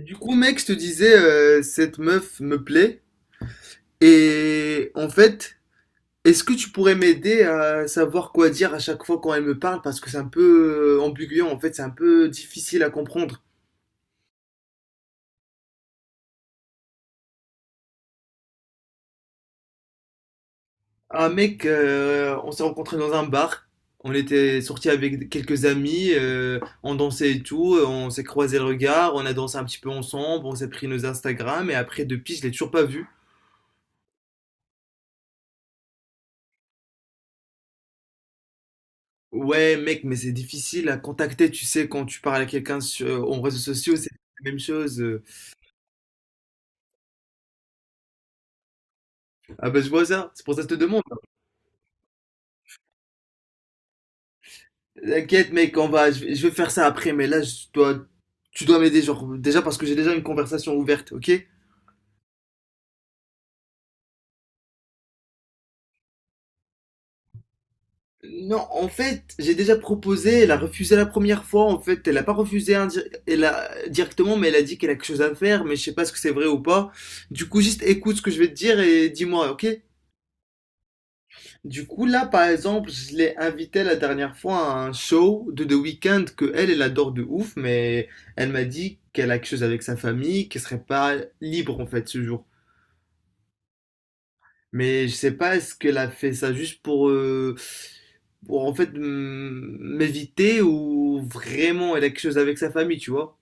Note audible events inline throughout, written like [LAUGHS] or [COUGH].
Du coup, mec, je te disais, cette meuf me plaît. Et en fait, est-ce que tu pourrais m'aider à savoir quoi dire à chaque fois quand elle me parle? Parce que c'est un peu ambigu, en fait, c'est un peu difficile à comprendre. Un mec, on s'est rencontrés dans un bar. On était sortis avec quelques amis, on dansait et tout, on s'est croisé le regard, on a dansé un petit peu ensemble, on s'est pris nos Instagram, et après, depuis, je l'ai toujours pas vu. Ouais, mec, mais c'est difficile à contacter, tu sais, quand tu parles à quelqu'un sur en réseaux sociaux, c'est la même chose. Ah bah je vois ça, c'est pour ça que je te demande. T'inquiète, mec, on va, je vais faire ça après, mais là, tu dois m'aider, genre, déjà parce que j'ai déjà une conversation ouverte, ok? Non, en fait, j'ai déjà proposé, elle a refusé la première fois, en fait, elle a pas refusé indi- elle a, directement, mais elle a dit qu'elle a quelque chose à faire, mais je sais pas ce que c'est vrai ou pas. Du coup, juste écoute ce que je vais te dire et dis-moi, ok? Du coup, là, par exemple, je l'ai invitée la dernière fois à un show de The Weeknd que elle, elle adore de ouf, mais elle m'a dit qu'elle a quelque chose avec sa famille, qu'elle serait pas libre en fait ce jour. Mais je sais pas, est-ce qu'elle a fait ça juste pour en fait m'éviter ou vraiment elle a quelque chose avec sa famille, tu vois?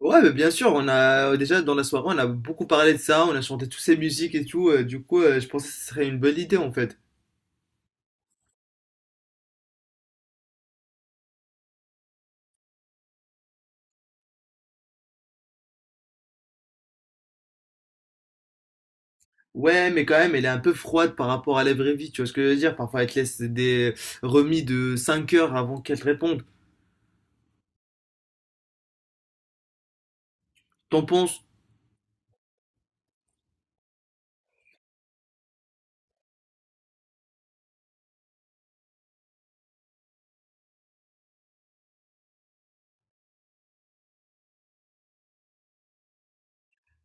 Ouais, mais bien sûr, on a déjà dans la soirée, on a beaucoup parlé de ça, on a chanté toutes ces musiques et tout, du coup, je pense que ce serait une bonne idée en fait. Ouais, mais quand même, elle est un peu froide par rapport à la vraie vie, tu vois ce que je veux dire? Parfois, elle te laisse des remis de cinq heures avant qu'elle te réponde. T'en penses?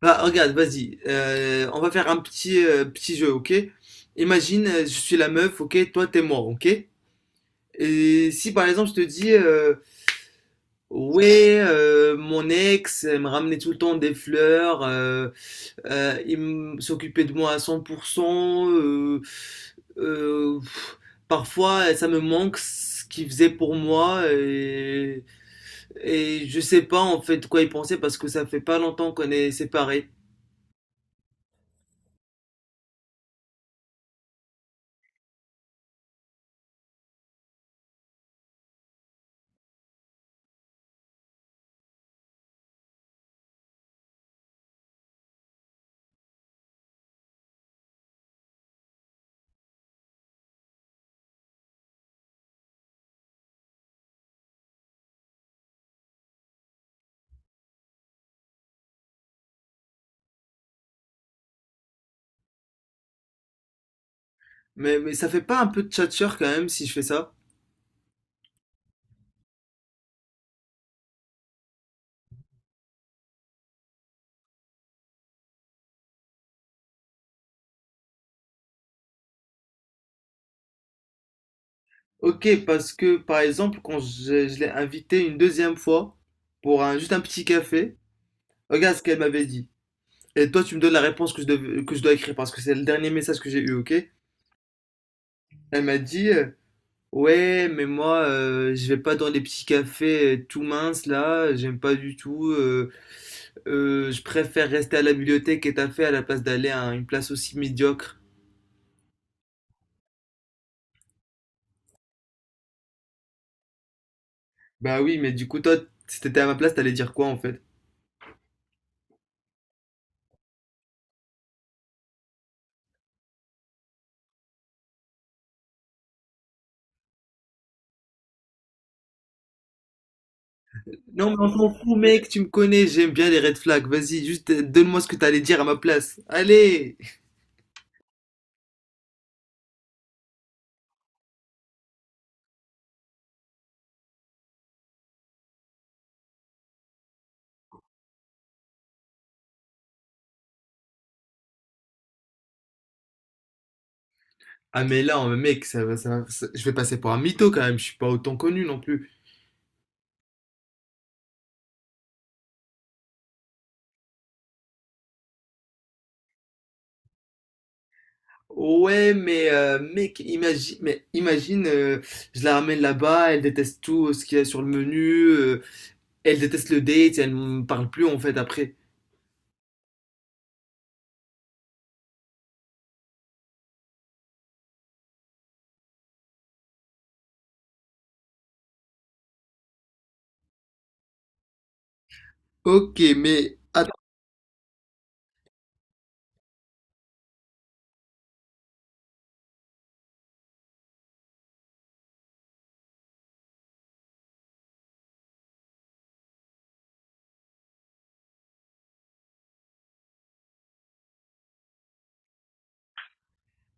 Bah, regarde, vas-y, on va faire un petit, petit jeu, ok? Imagine, je suis la meuf, ok? Toi, t'es moi, ok? Et si par exemple, je te dis, ouais, mon ex, elle me ramenait tout le temps des fleurs, s'occupait de moi à 100%. Euh, pff, Parfois, ça me manque ce qu'il faisait pour moi et je sais pas en fait quoi il pensait parce que ça fait pas longtemps qu'on est séparés. Mais ça fait pas un peu de tchatcher quand même si je fais ça? Ok, parce que par exemple, quand je l'ai invitée une deuxième fois pour juste un petit café, regarde ce qu'elle m'avait dit. Et toi, tu me donnes la réponse que que je dois écrire parce que c'est le dernier message que j'ai eu, ok? Elle m'a dit, ouais, mais moi, je vais pas dans les petits cafés tout minces là, j'aime pas du tout. Je préfère rester à la bibliothèque et t'as fait à la place d'aller à une place aussi médiocre. Bah oui, mais du coup, toi, si t'étais à ma place, t'allais dire quoi en fait? Non, mais on s'en fout, mec, tu me connais, j'aime bien les red flags. Vas-y, juste donne-moi ce que t'allais dire à ma place. Allez! Ah, mais là, oh, mec, je vais passer pour un mytho quand même, je suis pas autant connu non plus. Ouais, mais mec, imagine, je la ramène là-bas, elle déteste tout ce qu'il y a sur le menu, euh, elle déteste le date, elle ne parle plus en fait après. Ok, mais attends.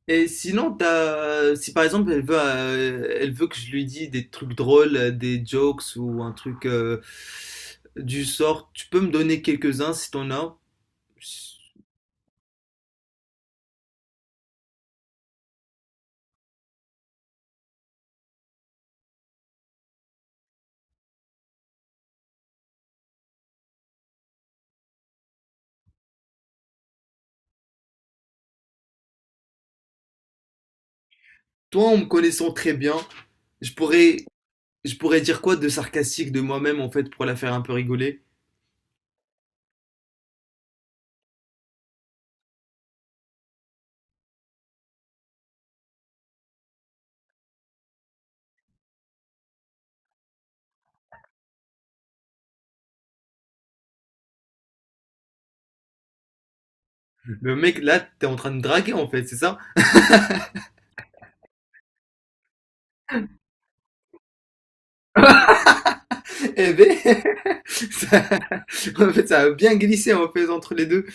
Et sinon, si par exemple elle veut que je lui dise des trucs drôles, des jokes ou un truc du sort, tu peux me donner quelques-uns si t'en as. Toi, en me connaissant très bien, je pourrais, je pourrais dire quoi de sarcastique de moi-même en fait pour la faire un peu rigoler. Le mec, là, t'es en train de draguer en fait, c'est ça? Eh ben, [LAUGHS] ça- en fait, ça a bien glissé en fait entre les deux.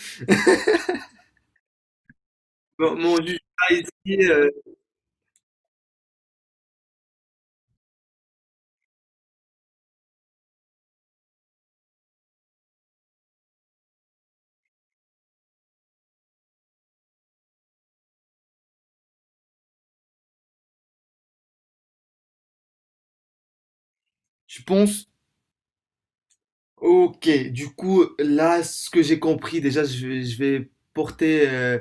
Mon juge, là, ici, je pense, ok, du coup, là, ce que j'ai compris, déjà, je vais porter, euh,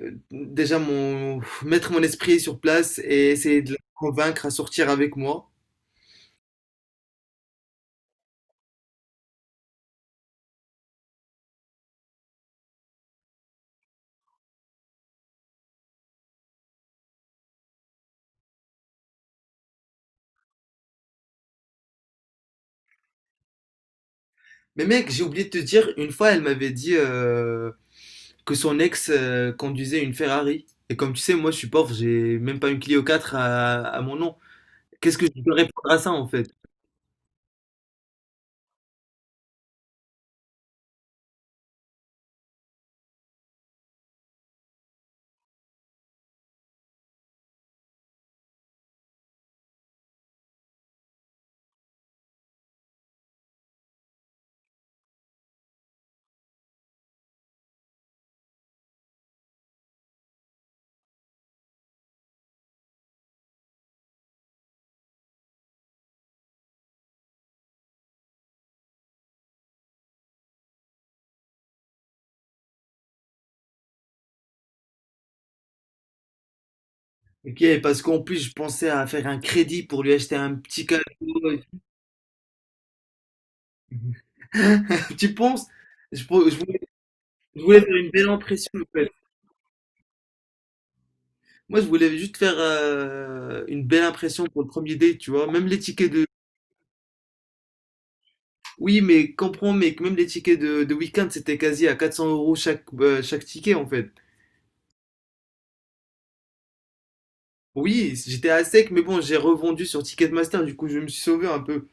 euh, déjà, mettre mon esprit sur place et essayer de la convaincre à sortir avec moi. Mais mec, j'ai oublié de te dire, une fois, elle m'avait dit que son ex conduisait une Ferrari. Et comme tu sais, moi, je suis pauvre, j'ai même pas une Clio 4 à mon nom. Qu'est-ce que je peux répondre à ça, en fait? Ok, parce qu'en plus, je pensais à faire un crédit pour lui acheter un petit cadeau. [LAUGHS] Tu penses? Je voulais, je voulais faire une belle impression, en fait. Moi, je voulais juste faire une belle impression pour le premier date, tu vois. Même les tickets de... Oui, mais comprends, mec, même les tickets de week-end, c'était quasi à 400 euros chaque, chaque ticket, en fait. Oui, j'étais à sec, mais bon, j'ai revendu sur Ticketmaster, du coup, je me suis sauvé un peu.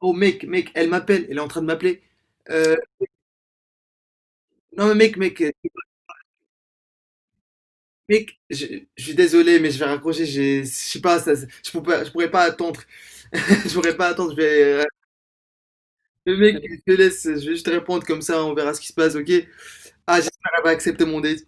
Oh, mec, elle m'appelle, elle est en train de m'appeler. Euh, non, mais mec, Mec, je, je suis désolé, mais je vais raccrocher. Je sais pas, ça, je pourrais pas attendre. [LAUGHS] Je pourrais pas attendre. Le mec, je te laisse. Je vais juste répondre comme ça. On verra ce qui se passe, ok? Ah, j'espère qu'elle va accepter mon date.